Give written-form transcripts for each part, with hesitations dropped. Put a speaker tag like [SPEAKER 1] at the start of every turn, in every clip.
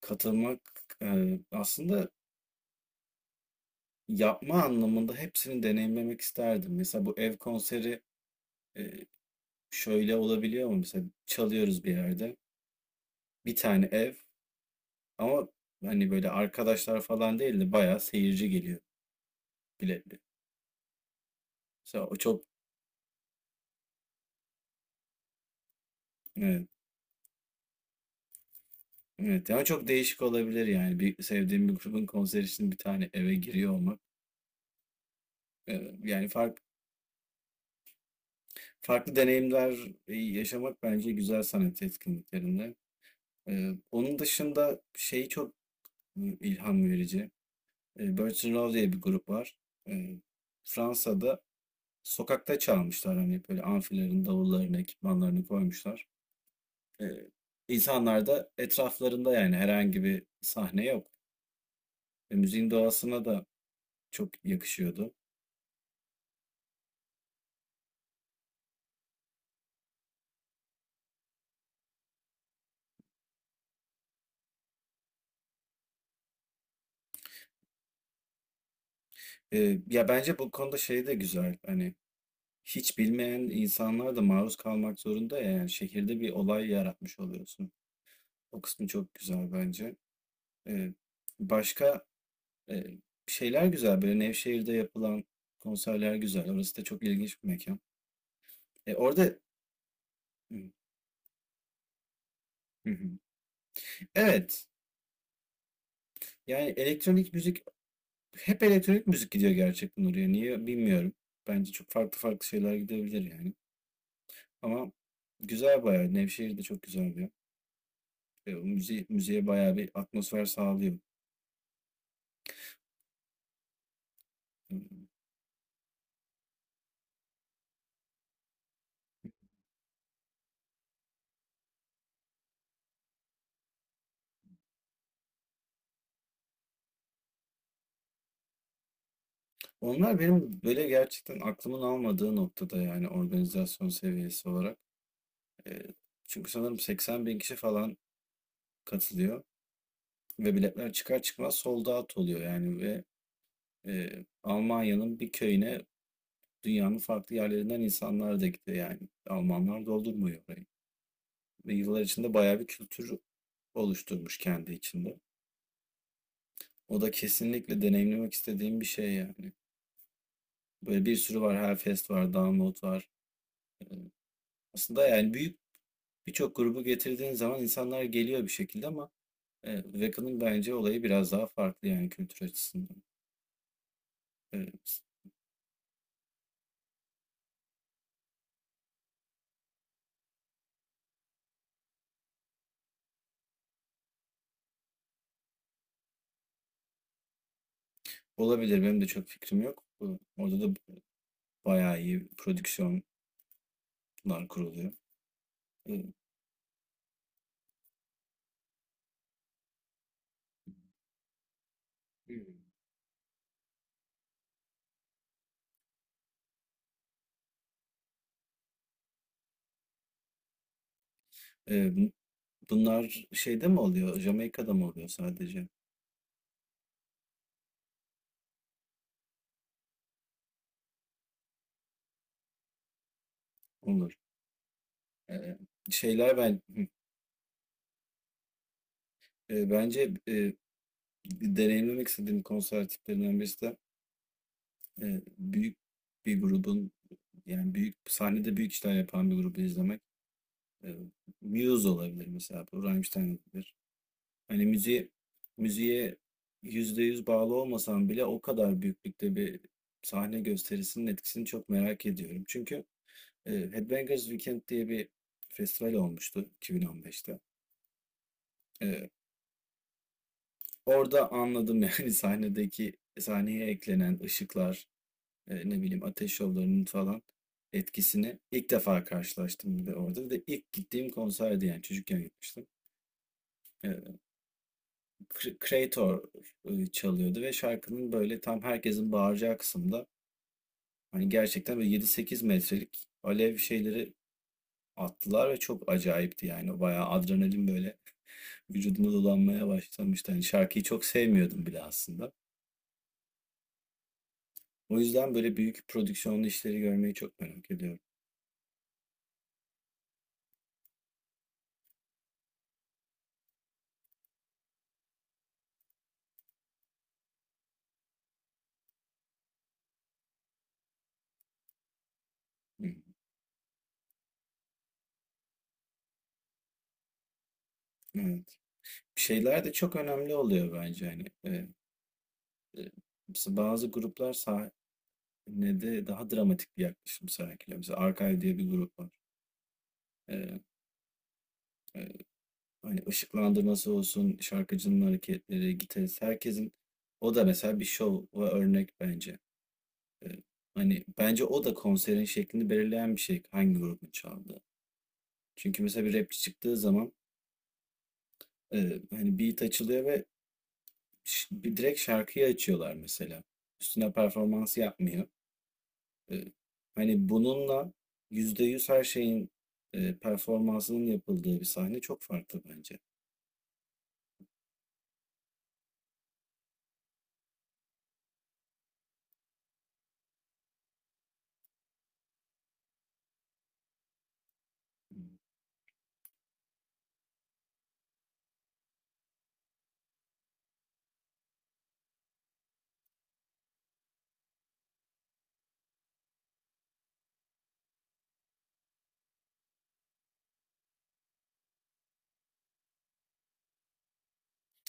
[SPEAKER 1] Katılmak, aslında yapma anlamında hepsini deneyimlemek isterdim. Mesela bu ev konseri, eee, şöyle olabiliyor mu? Mesela çalıyoruz bir yerde. Bir tane ev, ama hani böyle arkadaşlar falan değil de bayağı seyirci geliyor, biletli. Mesela o çok. Evet, evet. Yani çok değişik olabilir yani. Bir sevdiğim bir grubun konseri için bir tane eve giriyor olmak. Yani farklı deneyimler yaşamak bence güzel sanat etkinliklerinde. Onun dışında şeyi çok. Hı, ilham verici. Birch diye bir grup var. Fransa'da sokakta çalmışlar, hani böyle amfilerin davullarını, ekipmanlarını koymuşlar. Eee Da etraflarında, yani herhangi bir sahne yok. Müziğin doğasına da çok yakışıyordu. Ya bence bu konuda şey de güzel, hani hiç bilmeyen insanlar da maruz kalmak zorunda ya, yani şehirde bir olay yaratmış oluyorsun. O kısmı çok güzel bence. Eee, başka Eee, şeyler güzel, böyle Nevşehir'de yapılan konserler güzel. Orası da çok ilginç bir mekân. E, orada Hı hı, hı. Evet, yani elektronik müzik, hep elektronik müzik gidiyor gerçekten oraya. Niye bilmiyorum. Bence çok farklı farklı şeyler gidebilir yani. Ama güzel bayağı. Nevşehir de çok güzel bir yer. O müziğe bayağı bir atmosfer sağlıyor. Hı hı. Onlar benim böyle gerçekten aklımın almadığı noktada, yani organizasyon seviyesi olarak. Eee, çünkü sanırım 80 bin kişi falan katılıyor. Ve biletler çıkar çıkmaz sold out oluyor yani, ve Almanya'nın bir köyüne dünyanın farklı yerlerinden insanlar da gidiyor yani. Almanlar doldurmuyor orayı. Ve yıllar içinde bayağı bir kültür oluşturmuş kendi içinde. O da kesinlikle deneyimlemek istediğim bir şey yani. Böyle bir sürü var. Hellfest var, Download var. E, Aslında yani büyük birçok grubu getirdiğin zaman insanlar geliyor bir şekilde, ama Wacka'nın bence olayı biraz daha farklı, yani kültür açısından. E, Olabilir Benim de çok fikrim yok. Orada da bayağı iyi prodüksiyonlar kuruluyor. Ee, e, bun- bunlar şeyde mi oluyor? Jamaika'da mı oluyor sadece? Olur. Ee, şeyler ben hı, e, bence deneyimlemek istediğim konser tiplerinden birisi de büyük bir grubun, yani büyük sahnede büyük işler yapan bir grubu izlemek. E, Muse olabilir mesela. Bu Rammstein olabilir. Hani müziğe %100 bağlı olmasam bile o kadar büyüklükte bir sahne gösterisinin etkisini çok merak ediyorum. Çünkü Headbangers Weekend diye bir festival olmuştu 2015'te. E, orada anladım yani, sahneye eklenen ışıklar, ne bileyim ateş şovlarının falan etkisini ilk defa karşılaştım bir de orada. Bir de ilk gittiğim konserdi yani, çocukken gitmiştim. E, Creator çalıyordu ve şarkının böyle tam herkesin bağıracağı kısımda, hani gerçekten böyle 7-8 metrelik alev şeyleri attılar ve çok acayipti yani, bayağı adrenalin böyle vücuduma dolanmaya başlamıştı. Hani şarkıyı çok sevmiyordum bile aslında. O yüzden böyle büyük prodüksiyonlu işleri görmeyi çok merak ediyorum. Hı, Evet. Şeyler de çok önemli oluyor bence hani. E, mesela bazı gruplar sahnede daha dramatik bir yaklaşım sergiliyor. Mesela Archive diye bir grup var. E, Hani ışıklandırması olsun, şarkıcının hareketleri, gitarist, herkesin, o da mesela bir şov ve örnek bence. Ee, hani bence o da konserin şeklini belirleyen bir şey, hangi grubun çaldığı. Çünkü mesela bir rapçi çıktığı zaman hani beat açılıyor ve bir direkt şarkıyı açıyorlar mesela. Üstüne performans yapmıyor. E, hani bununla %100 her şeyin performansının yapıldığı bir sahne çok farklı bence.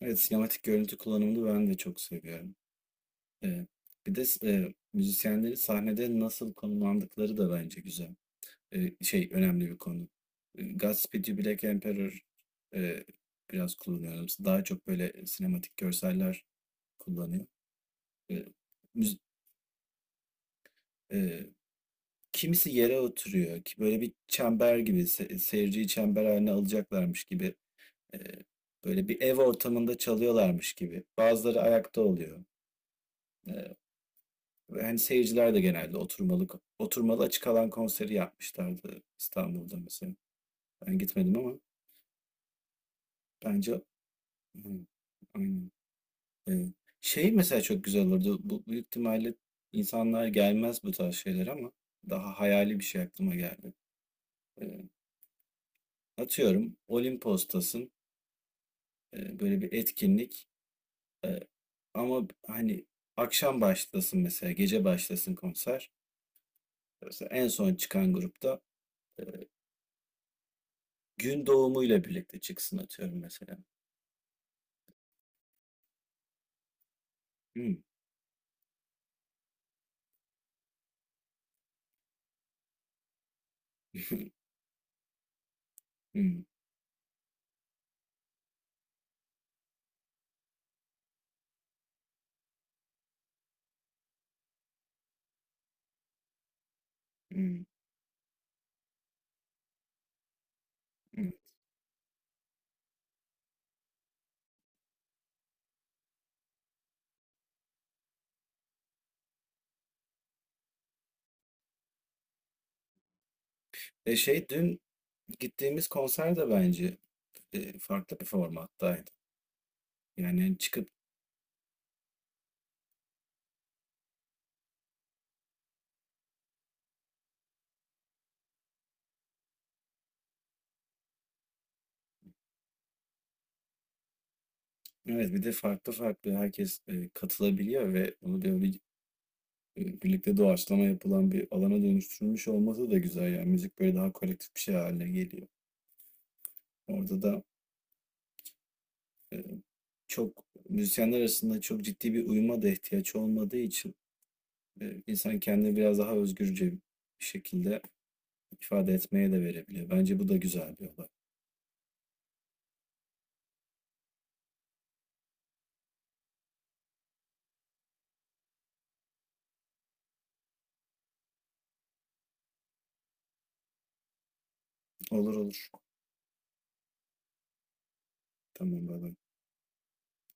[SPEAKER 1] Evet, sinematik görüntü kullanımını ben de çok seviyorum. E, bir de müzisyenlerin sahnede nasıl konumlandıkları da bence güzel. Önemli bir konu. Godspeed You Black Emperor, eee, biraz kullanıyorum. Daha çok böyle sinematik görseller kullanıyor. Eee, müz eee, kimisi yere oturuyor ki, böyle bir çember gibi, seyirciyi çember haline alacaklarmış gibi, eee, böyle bir ev ortamında çalıyorlarmış gibi. Bazıları ayakta oluyor. Eee, ve hani seyirciler de genelde oturmalı açık alan konseri yapmışlardı İstanbul'da mesela. Ben gitmedim ama bence. Hıı, aynen. Evet. Şey mesela çok güzel olurdu. Bu büyük ihtimalle insanlar gelmez bu tarz şeyler, ama daha hayali bir şey aklıma geldi. Ee, atıyorum Olimpos'tasın. Böyle bir etkinlik. Ee, ama hani akşam başlasın mesela, gece başlasın konser. Mesela en son çıkan grupta gün doğumuyla birlikte çıksın atıyorum mesela. Hmm, hmm, hmm, hmm. Şey, dün gittiğimiz konser de bence farklı bir formattaydı. Yani hani çıkıp. Evet, bir de farklı farklı herkes katılabiliyor ve bunu böyle birlikte doğaçlama yapılan bir alana dönüştürülmüş olması da güzel. Yani müzik böyle daha kolektif bir şey haline geliyor. Orada da, eee, çok müzisyenler arasında çok ciddi bir uyuma da ihtiyaç olmadığı için, insan kendini biraz daha özgürce bir şekilde ifade etmeye de verebiliyor. Bence bu da güzel bir olay. Olur olur. Tamam, bay bay.